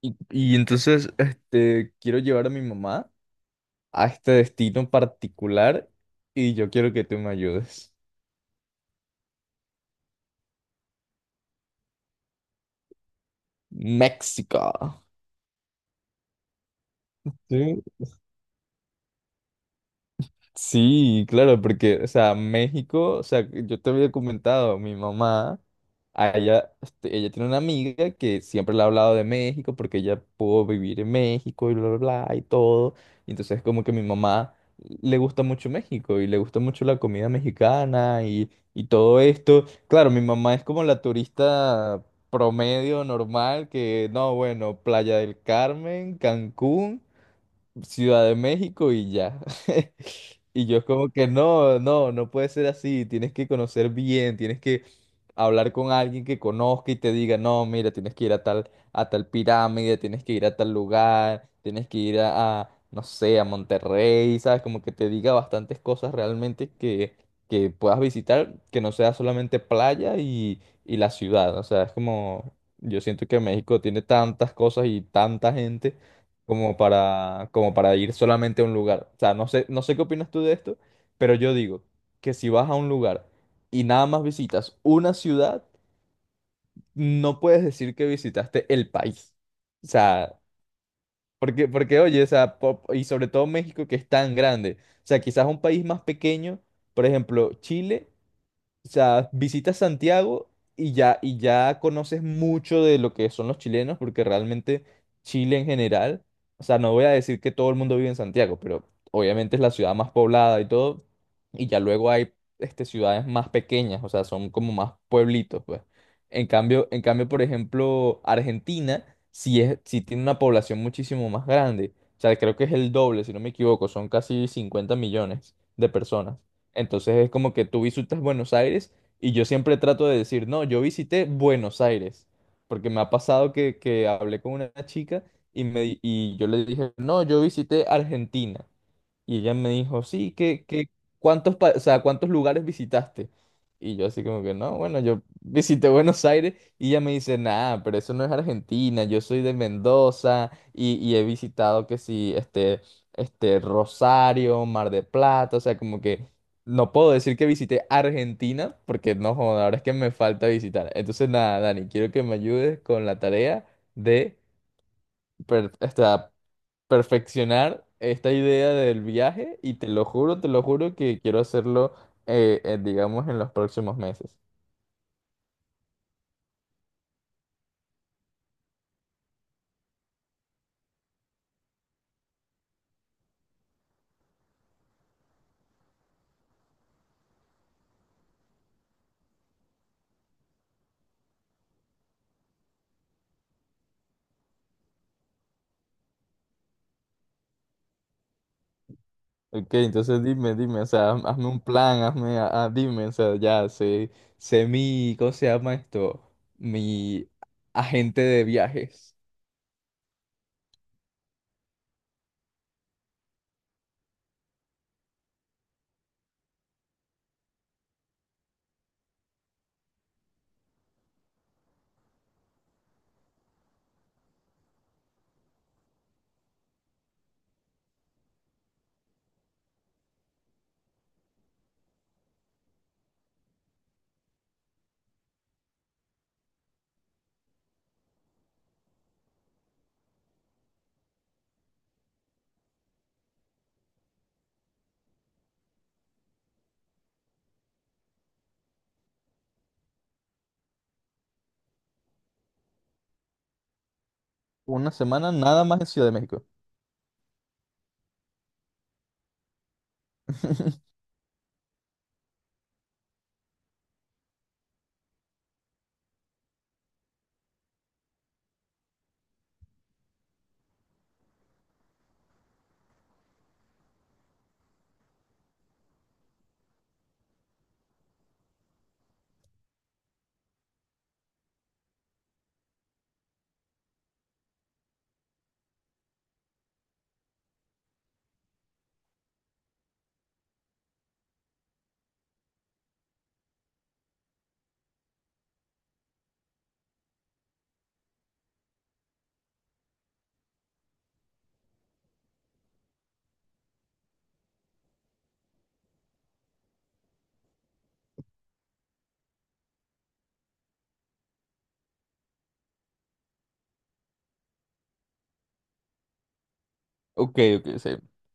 Y entonces, quiero llevar a mi mamá a este destino particular y yo quiero que tú me ayudes. México. Sí, claro, porque, o sea, México, o sea, yo te había comentado, mi mamá, a ella, ella tiene una amiga que siempre le ha hablado de México porque ella pudo vivir en México y bla, bla, bla, y todo. Y entonces, como que mi mamá le gusta mucho México y le gusta mucho la comida mexicana y todo esto. Claro, mi mamá es como la turista promedio, normal, que, no, bueno, Playa del Carmen, Cancún. Ciudad de México y ya. Y yo como que no, no, no puede ser así, tienes que conocer bien, tienes que hablar con alguien que conozca y te diga, no, mira, tienes que ir a tal pirámide, tienes que ir a tal lugar, tienes que ir no sé, a Monterrey, ¿sabes? Como que te diga bastantes cosas realmente que puedas visitar, que no sea solamente playa y la ciudad, o sea, es como, yo siento que México tiene tantas cosas y tanta gente como para, como para ir solamente a un lugar. O sea, no sé, no sé qué opinas tú de esto, pero yo digo que si vas a un lugar y nada más visitas una ciudad, no puedes decir que visitaste el país. O sea, porque, oye, o sea, y sobre todo México que es tan grande. O sea, quizás un país más pequeño, por ejemplo, Chile. O sea, visitas Santiago y ya conoces mucho de lo que son los chilenos, porque realmente Chile en general, o sea, no voy a decir que todo el mundo vive en Santiago, pero obviamente es la ciudad más poblada y todo, y ya luego hay ciudades más pequeñas, o sea, son como más pueblitos, pues. En cambio, por ejemplo, Argentina sí es, sí tiene una población muchísimo más grande. O sea, creo que es el doble, si no me equivoco, son casi 50 millones de personas. Entonces es como que tú visitas Buenos Aires y yo siempre trato de decir, no, yo visité Buenos Aires, porque me ha pasado que hablé con una chica y yo le dije, no, yo visité Argentina. Y ella me dijo, sí, qué qué ¿cuántos, o sea, cuántos lugares visitaste? Y yo así como que, no, bueno, yo visité Buenos Aires y ella me dice, nada, pero eso no es Argentina, yo soy de Mendoza y he visitado que sí, Rosario, Mar de Plata, o sea, como que no puedo decir que visité Argentina porque no, joda, ahora es que me falta visitar. Entonces, nada, Dani, quiero que me ayudes con la tarea de, perfeccionar esta idea del viaje y te lo juro que quiero hacerlo, digamos, en los próximos meses. Ok, entonces dime, dime, o sea, hazme un plan, hazme, dime, o sea, ya sé, sé mi, ¿cómo se llama esto? Mi agente de viajes. ¿Una semana nada más en Ciudad de México? Ok, ok, sí.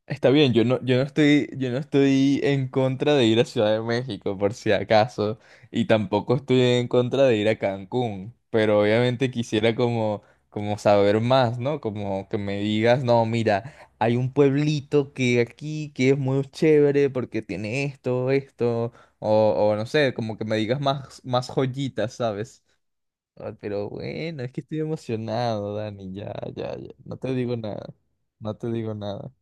Está bien, yo no estoy en contra de ir a Ciudad de México, por si acaso, y tampoco estoy en contra de ir a Cancún, pero obviamente quisiera como, como saber más, ¿no? Como que me digas, no, mira, hay un pueblito que aquí, que es muy chévere porque tiene esto, esto, o no sé, como que me digas más, más joyitas, ¿sabes? Ay, pero bueno, es que estoy emocionado, Dani. Ya, ya, ya. No te digo nada. No te digo nada.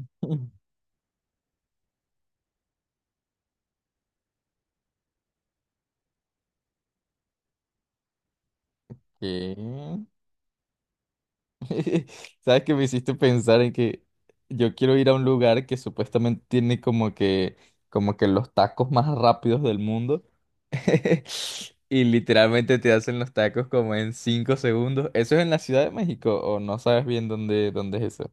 ¿Qué? ¿Sabes que me hiciste pensar en que yo quiero ir a un lugar que supuestamente tiene como que los tacos más rápidos del mundo? Y literalmente te hacen los tacos como en 5 segundos. ¿Eso es en la Ciudad de México o no sabes bien dónde, dónde es eso?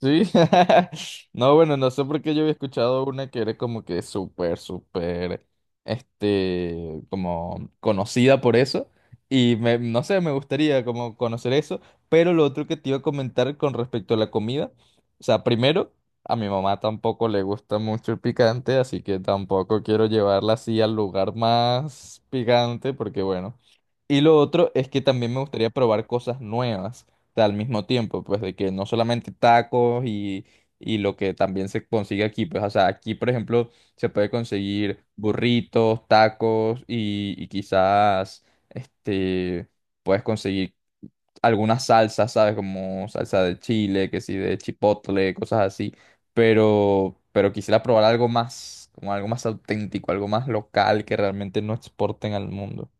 Sí. No, bueno, no sé por qué yo había escuchado una que era como que súper, súper, como conocida por eso. No sé, me gustaría como conocer eso. Pero lo otro que te iba a comentar con respecto a la comida. O sea, primero, a mi mamá tampoco le gusta mucho el picante, así que tampoco quiero llevarla así al lugar más picante, porque bueno. Y lo otro es que también me gustaría probar cosas nuevas al mismo tiempo, pues de que no solamente tacos y lo que también se consigue aquí, pues o sea, aquí por ejemplo se puede conseguir burritos, tacos y quizás este, puedes conseguir algunas salsas, ¿sabes? Como salsa de chile, que sí, de chipotle, cosas así, pero quisiera probar algo más, como algo más auténtico, algo más local que realmente no exporten al mundo.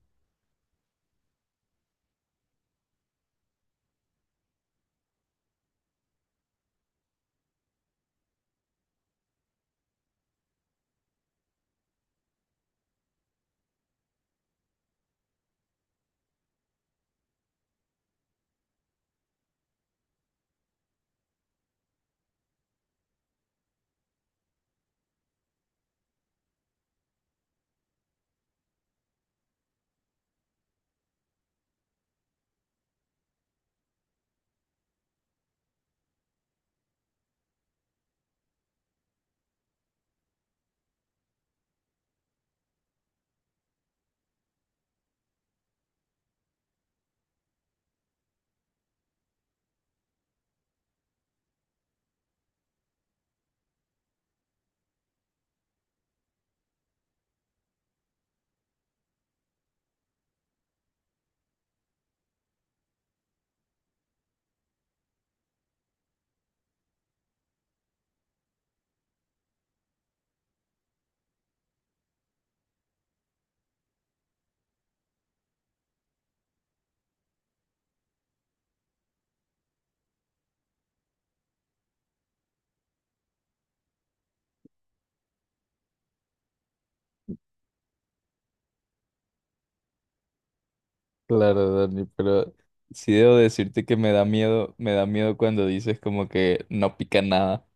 Claro, Dani, pero sí debo decirte que me da miedo cuando dices como que no pica nada.